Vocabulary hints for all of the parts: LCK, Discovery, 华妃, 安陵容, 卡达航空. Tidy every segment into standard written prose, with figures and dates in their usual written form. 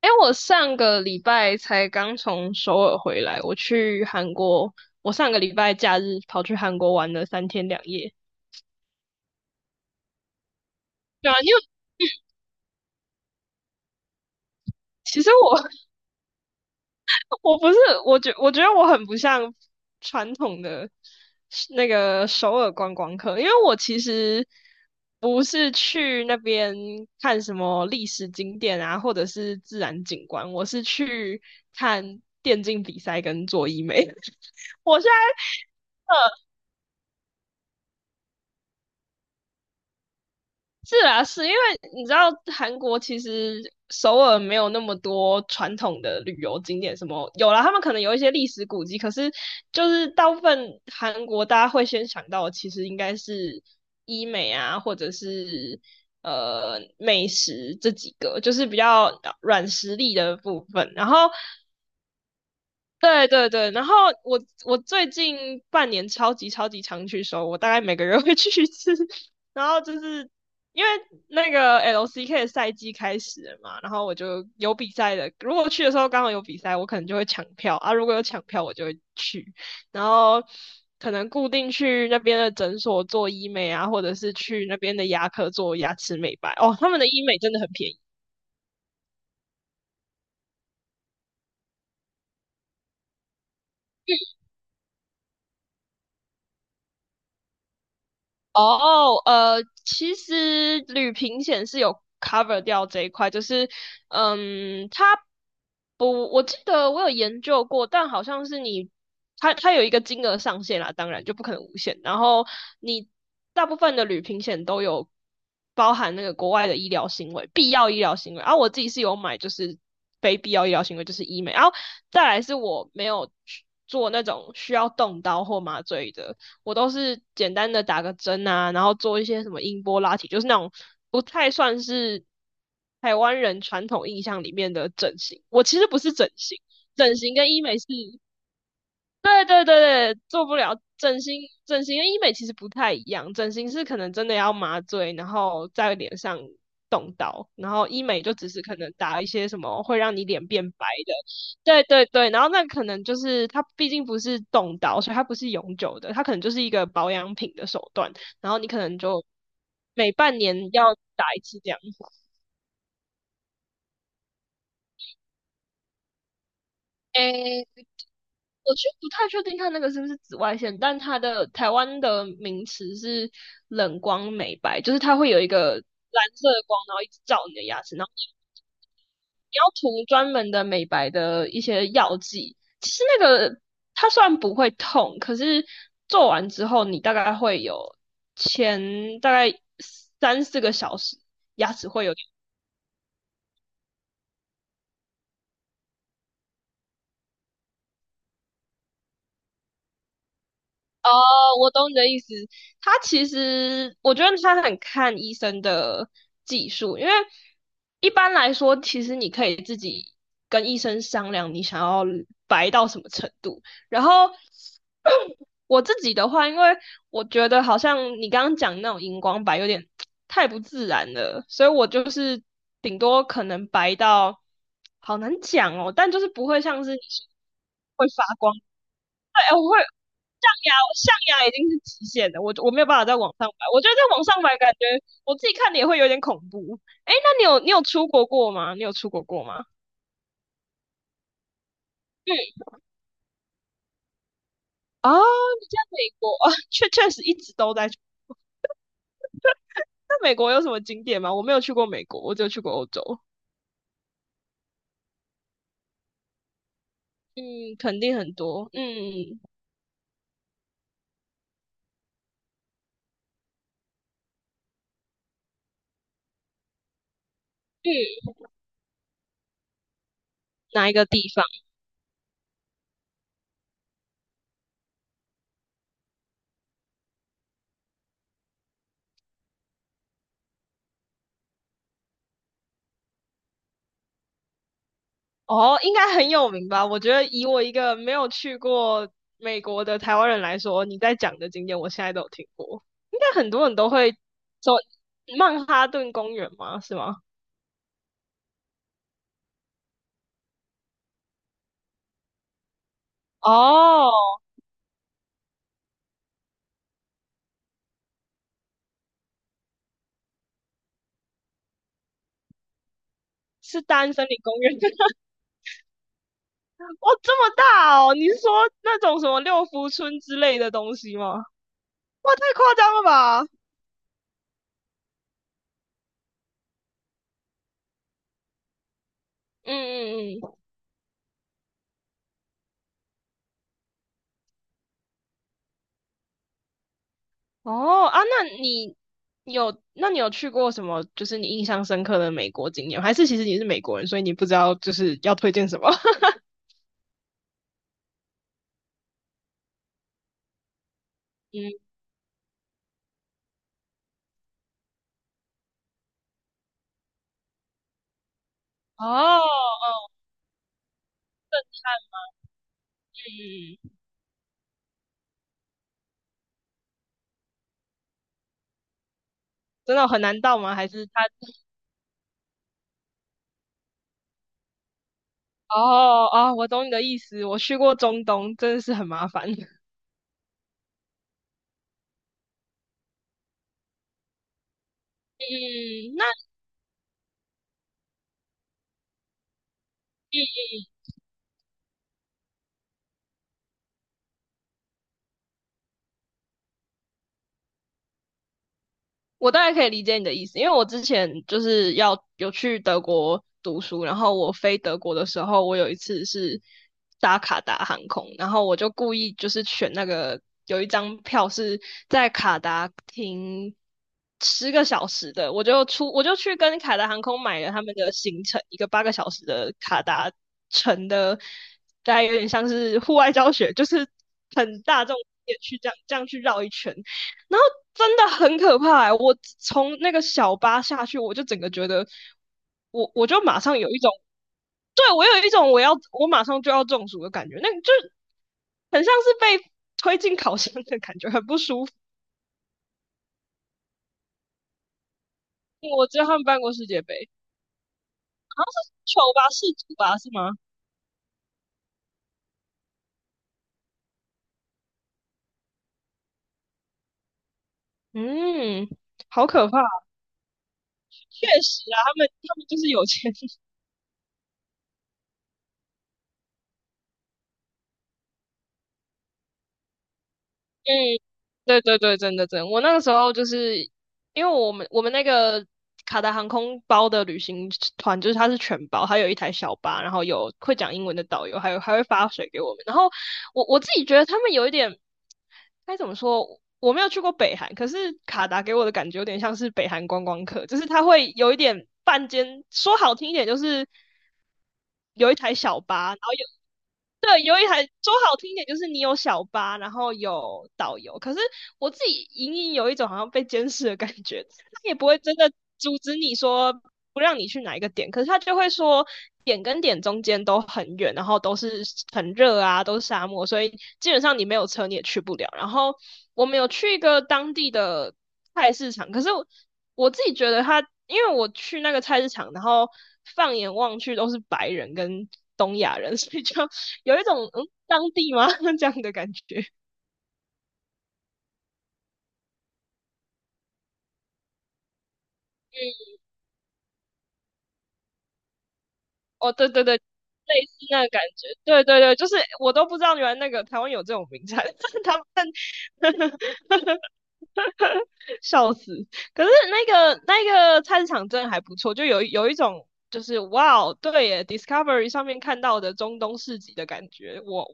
哎，我上个礼拜才刚从首尔回来，我去韩国，我上个礼拜假日跑去韩国玩了三天两夜。对啊，因为其实我 我不是，我觉得我很不像传统的那个首尔观光客，因为我其实不是去那边看什么历史景点啊，或者是自然景观，我是去看电竞比赛跟做医美。我现在。是啊，是因为你知道韩国其实首尔没有那么多传统的旅游景点，什么有啦，他们可能有一些历史古迹，可是就是大部分韩国大家会先想到的，其实应该是医美啊，或者是美食这几个，就是比较软实力的部分。然后对对对，然后我最近半年超级超级常去收，我大概每个月会去一次。然后就是因为那个 LCK 的赛季开始了嘛，然后我就有比赛的，如果去的时候刚好有比赛，我可能就会抢票啊，如果有抢票我就会去，然后可能固定去那边的诊所做医美啊，或者是去那边的牙科做牙齿美白。哦，他们的医美真的很便宜。哦，其实旅平险是有 cover 掉这一块，就是，嗯，它不，我记得我有研究过，但好像是你，它有一个金额上限啦，当然就不可能无限。然后你大部分的旅平险都有包含那个国外的医疗行为，必要医疗行为。然后我自己是有买，就是非必要医疗行为，就是医美。然后再来是我没有去做那种需要动刀或麻醉的。我都是简单的打个针啊，然后做一些什么音波拉提，就是那种不太算是台湾人传统印象里面的整形。我其实不是整形，整形跟医美是对对对对，做不了整形，整形跟医美其实不太一样，整形是可能真的要麻醉，然后在脸上动刀，然后医美就只是可能打一些什么会让你脸变白的，对对对，然后那可能就是它毕竟不是动刀，所以它不是永久的，它可能就是一个保养品的手段，然后你可能就每半年要打一次这样。诶我就不太确定它那个是不是紫外线，但它的台湾的名词是冷光美白，就是它会有一个蓝色的光，然后一直照你的牙齿，然后你要涂专门的美白的一些药剂。其实那个它虽然不会痛，可是做完之后你大概会有前大概3、4个小时牙齿会有点我懂你的意思。他其实，我觉得他很看医生的技术，因为一般来说，其实你可以自己跟医生商量你想要白到什么程度。然后 我自己的话，因为我觉得好像你刚刚讲那种荧光白有点太不自然了，所以我就是顶多可能白到好难讲哦，但就是不会像是你说会发光。对，我会象牙，象牙已经是极限了，我没有办法在网上买，我觉得在网上买感觉我自己看的也会有点恐怖。哎，那你有出国过吗？你有出国过吗？嗯，啊，你在美国啊，确实一直都在去那美国有什么景点吗？我没有去过美国，我只有去过欧洲。嗯，肯定很多。嗯嗯，哪一个地方？哦，应该很有名吧？我觉得以我一个没有去过美国的台湾人来说，你在讲的景点，我现在都有听过，应该很多人都会说曼哈顿公园吗？是吗？哦，是大安森林公园。哇，这么大哦！你是说那种什么六福村之类的东西吗？哇，太夸张了吧！嗯嗯嗯。哦啊，那你有去过什么？就是你印象深刻的美国景点还是其实你是美国人，所以你不知道就是要推荐什么？嗯，哦，哦，嗯，真的很难到吗？还是他？哦哦，我懂你的意思。我去过中东，真的是很麻烦。嗯，那我大概可以理解你的意思，因为我之前就是要有去德国读书，然后我飞德国的时候，我有一次是搭卡达航空，然后我就故意就是选那个有一张票是在卡达停10个小时的，我就去跟卡达航空买了他们的行程，一个8个小时的卡达城的，大概有点像是户外教学，就是很大众也去这样去绕一圈。然后真的很可怕欸我从那个小巴下去，我就整个觉得，我就马上有一种，对我有一种我马上就要中暑的感觉，那就很像是被推进烤箱的感觉，很不舒服。我只有他们办过世界杯，球吧是主吧是吗？嗯，好可怕，确实啊，他们就是有钱嗯，对对对，真的真的，我那个时候就是因为我们那个卡达航空包的旅行团，就是它是全包，还有一台小巴，然后有会讲英文的导游，还会发水给我们。然后我自己觉得他们有一点该怎么说，我没有去过北韩，可是卡达给我的感觉有点像是北韩观光客，就是他会有一点半间，说好听一点就是。有一台小巴，然后有对有一台说好听一点就是你有小巴，然后有导游。可是我自己隐隐有一种好像被监视的感觉，他也不会真的阻止你说不让你去哪一个点，可是他就会说点跟点中间都很远，然后都是很热啊，都是沙漠，所以基本上你没有车你也去不了。然后我们有去一个当地的菜市场，可是。我自己觉得他，因为我去那个菜市场，然后放眼望去都是白人跟东亚人，所以就有一种嗯当地吗 这样的感觉。哦，对对对，类似那个感觉，对对对，就是我都不知道原来那个台湾有这种名产，他们 笑死。可是那个菜市场真的还不错，就有一种就是哇哦，对耶，Discovery 上面看到的中东市集的感觉，我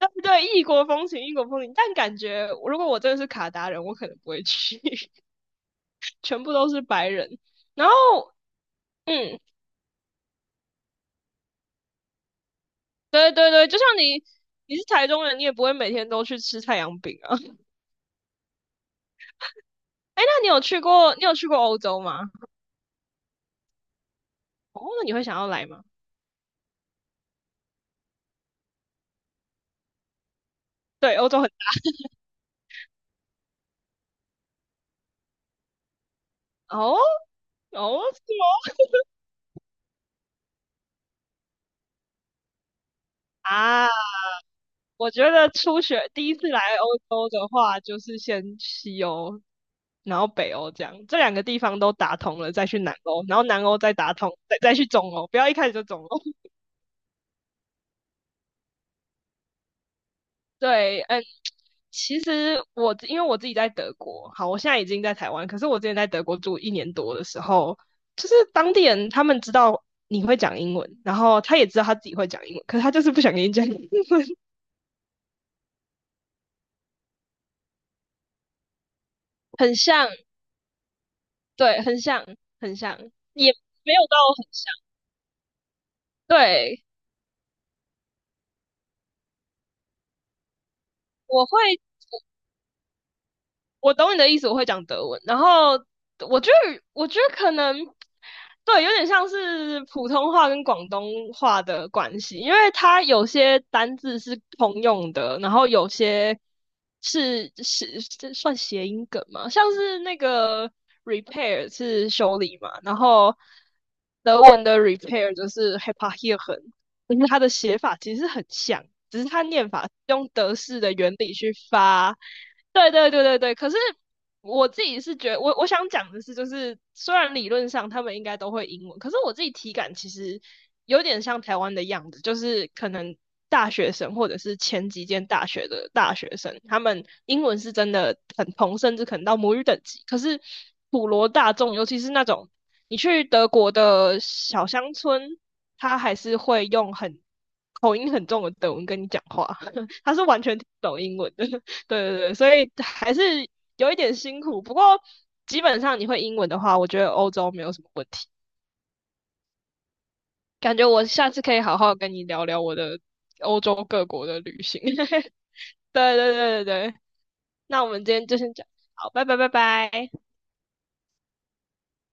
对对，异国风情，异国风情，但感觉如果我真的是卡达人，我可能不会去，全部都是白人。然后，嗯，对对对，就像你，你是台中人，你也不会每天都去吃太阳饼啊。哎，那你有去过，你有去过欧洲吗？哦，那你会想要来吗？对，欧洲很，哦哦，是吗？啊。我觉得初学第一次来欧洲的话，就是先西欧，然后北欧这样，这两个地方都打通了，再去南欧，然后南欧再打通，再去中欧，不要一开始就中欧。对，嗯，其实我因为我自己在德国，好，我现在已经在台湾，可是我之前在德国住一年多的时候，就是当地人他们知道你会讲英文，然后他也知道他自己会讲英文，可是他就是不想跟你讲英文，很像，对，很像，很像，也没有到很像，对。我会，我懂你的意思，我会讲德文。然后我觉得，我觉得可能对，有点像是普通话跟广东话的关系，因为它有些单字是通用的，然后有些是这算谐音梗嘛，像是那个 repair 是修理嘛，然后德文的 repair 就是 heparieren 就是它的写法其实很像，只是它念法是用德式的原理去发。对对对对对，可是我自己是觉得，我想讲的是，就是虽然理论上他们应该都会英文，可是我自己体感其实有点像台湾的样子，就是可能大学生或者是前几间大学的大学生，他们英文是真的很通，甚至可能到母语等级。可是普罗大众，尤其是那种你去德国的小乡村，他还是会用很口音很重的德文跟你讲话，他是完全听不懂英文的。对对对，所以还是有一点辛苦，不过基本上你会英文的话，我觉得欧洲没有什么问题。感觉我下次可以好好跟你聊聊我的欧洲各国的旅行。对对对对对，那我们今天就先讲，好，拜拜拜拜。